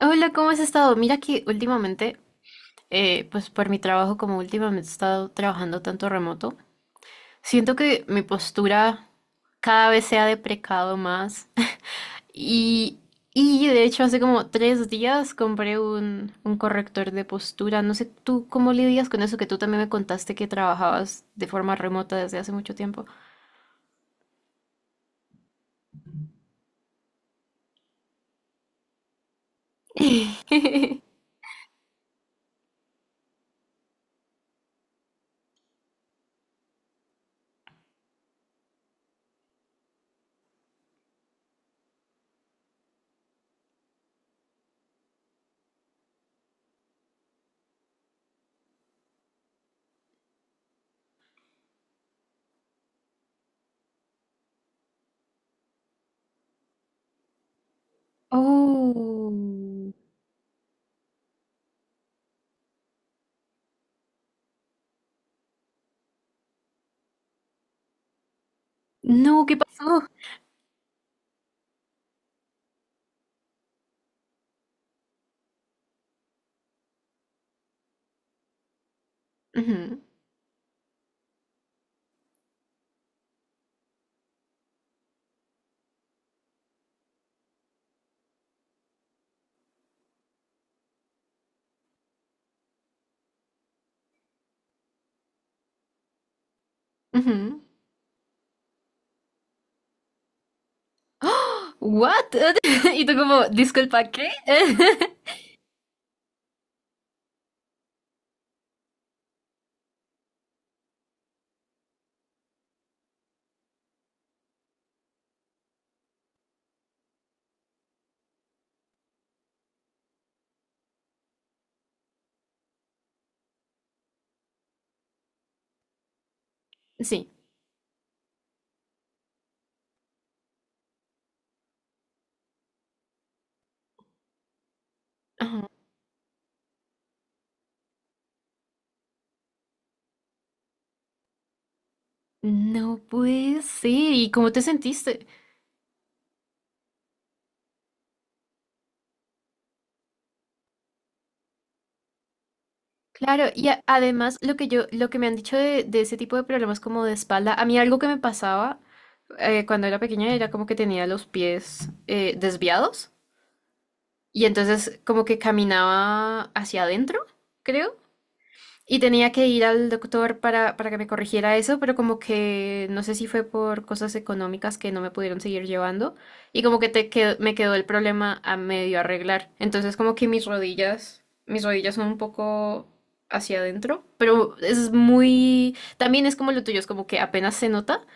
Hola, ¿cómo has estado? Mira que últimamente, pues por mi trabajo, como últimamente he estado trabajando tanto remoto, siento que mi postura cada vez se ha deprecado más. Y, y de hecho hace como 3 días compré un corrector de postura. No sé, ¿tú cómo lidias con eso? Que tú también me contaste que trabajabas de forma remota desde hace mucho tiempo. Oh, no, ¿qué pasó? Ujú, ujú. ¡Ah! ¿What? Y tú como, disculpa, ¿qué? Sí. Ajá. No puede ser. ¿Y cómo te sentiste? Claro, y además lo que yo, lo que me han dicho de ese tipo de problemas como de espalda, a mí algo que me pasaba cuando era pequeña era como que tenía los pies desviados y entonces como que caminaba hacia adentro, creo. Y tenía que ir al doctor para que me corrigiera eso, pero como que no sé si fue por cosas económicas que no me pudieron seguir llevando y como que me quedó el problema a medio arreglar. Entonces como que mis rodillas son un poco hacia adentro, pero es muy, también es como lo tuyo, es como que apenas se nota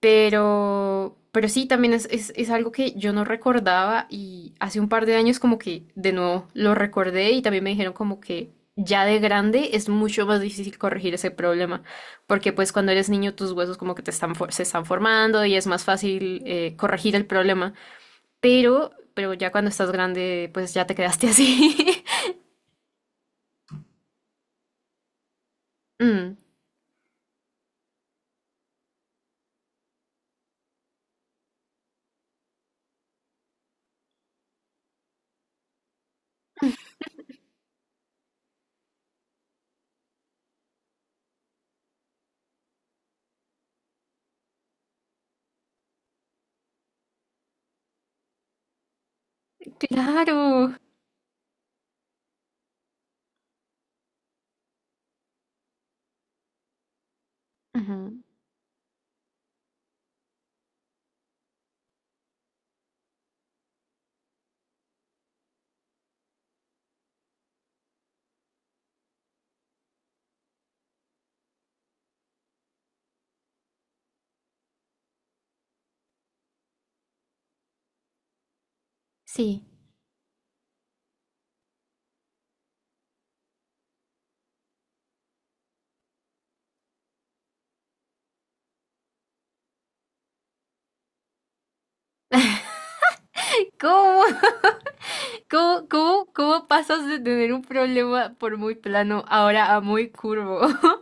pero sí, también es algo que yo no recordaba y hace un par de años como que de nuevo lo recordé y también me dijeron como que ya de grande es mucho más difícil corregir ese problema, porque pues cuando eres niño tus huesos como que se están formando y es más fácil corregir el problema, pero ya cuando estás grande pues ya te quedaste así. Mm, claro. Ujú, sí. ¿Cómo? ¿Cómo, cómo, cómo pasas de tener un problema por muy plano ahora a muy curvo?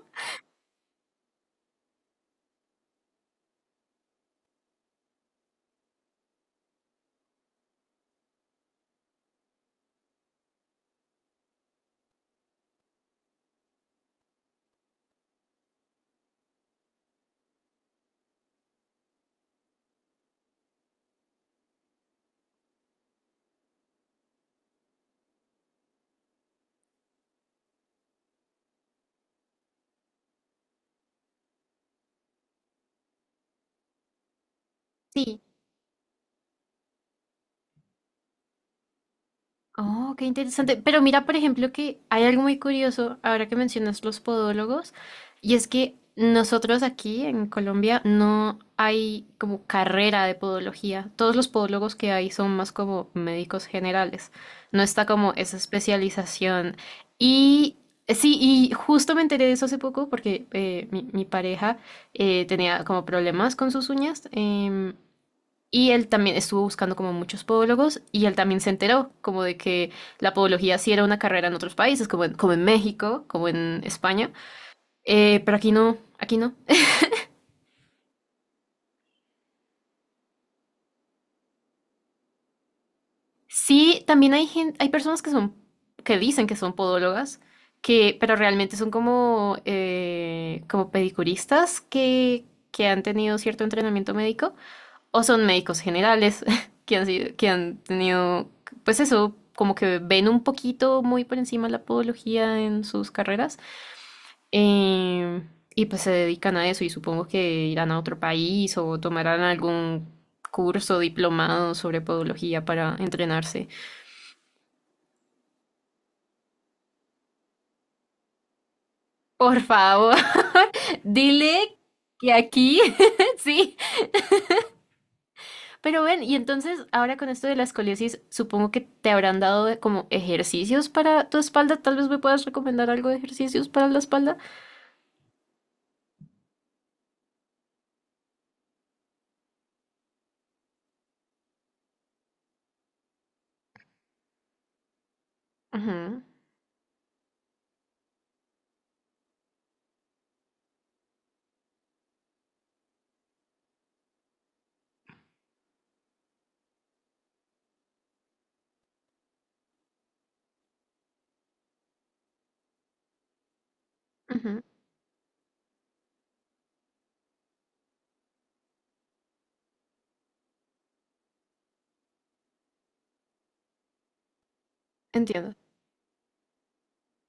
Sí, oh, qué interesante. Pero mira, por ejemplo, que hay algo muy curioso ahora que mencionas los podólogos, y es que nosotros aquí en Colombia no hay como carrera de podología. Todos los podólogos que hay son más como médicos generales. No está como esa especialización. Y sí, y justo me enteré de eso hace poco porque mi pareja tenía como problemas con sus uñas. Y él también estuvo buscando como muchos podólogos y él también se enteró como de que la podología sí era una carrera en otros países, como en, como en México, como en España, pero aquí no, aquí no. Sí, también hay hay personas que son, que dicen que son podólogas, que, pero realmente son como, como pedicuristas que han tenido cierto entrenamiento médico o son médicos generales que han sido, que han tenido, pues eso, como que ven un poquito muy por encima la podología en sus carreras. eh, y pues se dedican a eso y supongo que irán a otro país o tomarán algún curso diplomado sobre podología para entrenarse. Por favor, dile que aquí, sí, pero ven, y entonces ahora con esto de la escoliosis, supongo que te habrán dado como ejercicios para tu espalda. Tal vez me puedas recomendar algo de ejercicios para la espalda. Ujú, ujú, entiendo.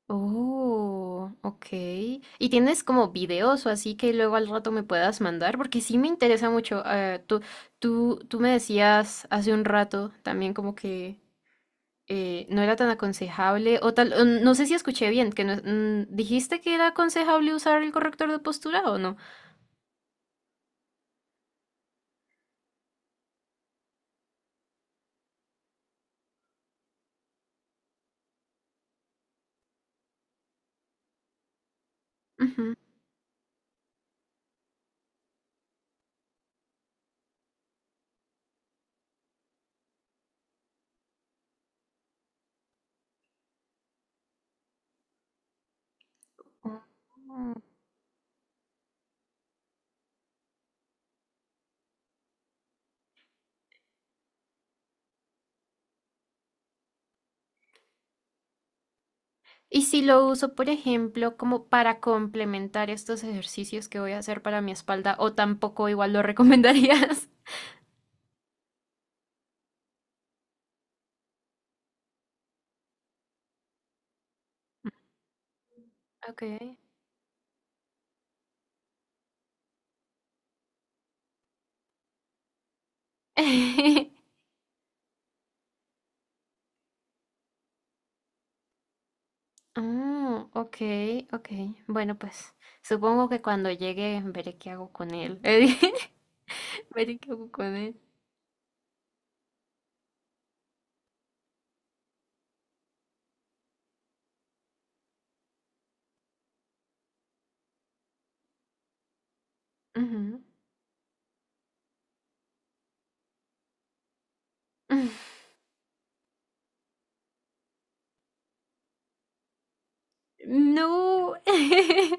Oh, ok. ¿Y tienes como videos o así que luego al rato me puedas mandar? Porque sí me interesa mucho. Tú me decías hace un rato también como que no era tan aconsejable o tal. O no sé si escuché bien, que dijiste que era aconsejable usar el corrector de postura o no. Ujú. Mm, y si lo uso, por ejemplo, como para complementar estos ejercicios que voy a hacer para mi espalda, o tampoco igual lo recomendarías. Ok. Ah, ok, ok. Bueno, pues supongo que cuando llegue veré qué hago con él. Veré qué hago con él. Ujú. No.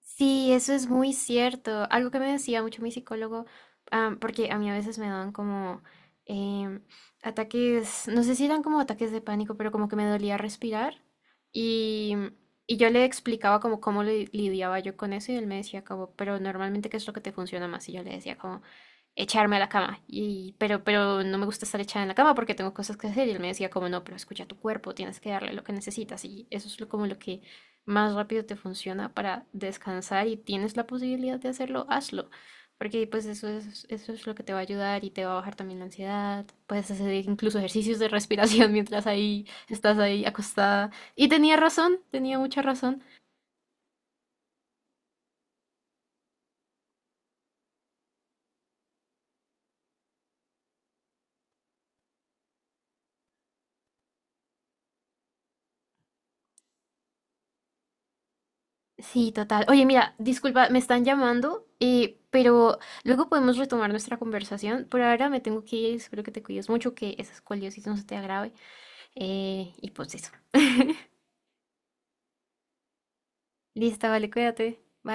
Sí, eso es muy cierto. Algo que me decía mucho mi psicólogo, porque a mí a veces me daban como em, ataques, no sé si eran como ataques de pánico, pero como que me dolía respirar. Y, y yo le explicaba como cómo lidiaba yo con eso y él me decía como, pero normalmente ¿qué es lo que te funciona más? Y yo le decía como, echarme a la cama. Y, pero no me gusta estar echada en la cama porque tengo cosas que hacer. Y él me decía como, no, pero escucha tu cuerpo, tienes que darle lo que necesitas. Y eso es lo, como lo que más rápido te funciona para descansar y tienes la posibilidad de hacerlo, hazlo. Porque pues eso es lo que te va a ayudar y te va a bajar también la ansiedad. Puedes hacer incluso ejercicios de respiración mientras ahí estás ahí acostada. Y tenía razón, tenía mucha razón. Sí, total. Oye, mira, disculpa, me están llamando, pero luego podemos retomar nuestra conversación. Por ahora me tengo que ir, espero que te cuides mucho, que esa escoliosis no se te agrave. Y pues eso. Listo, vale, cuídate. Bye.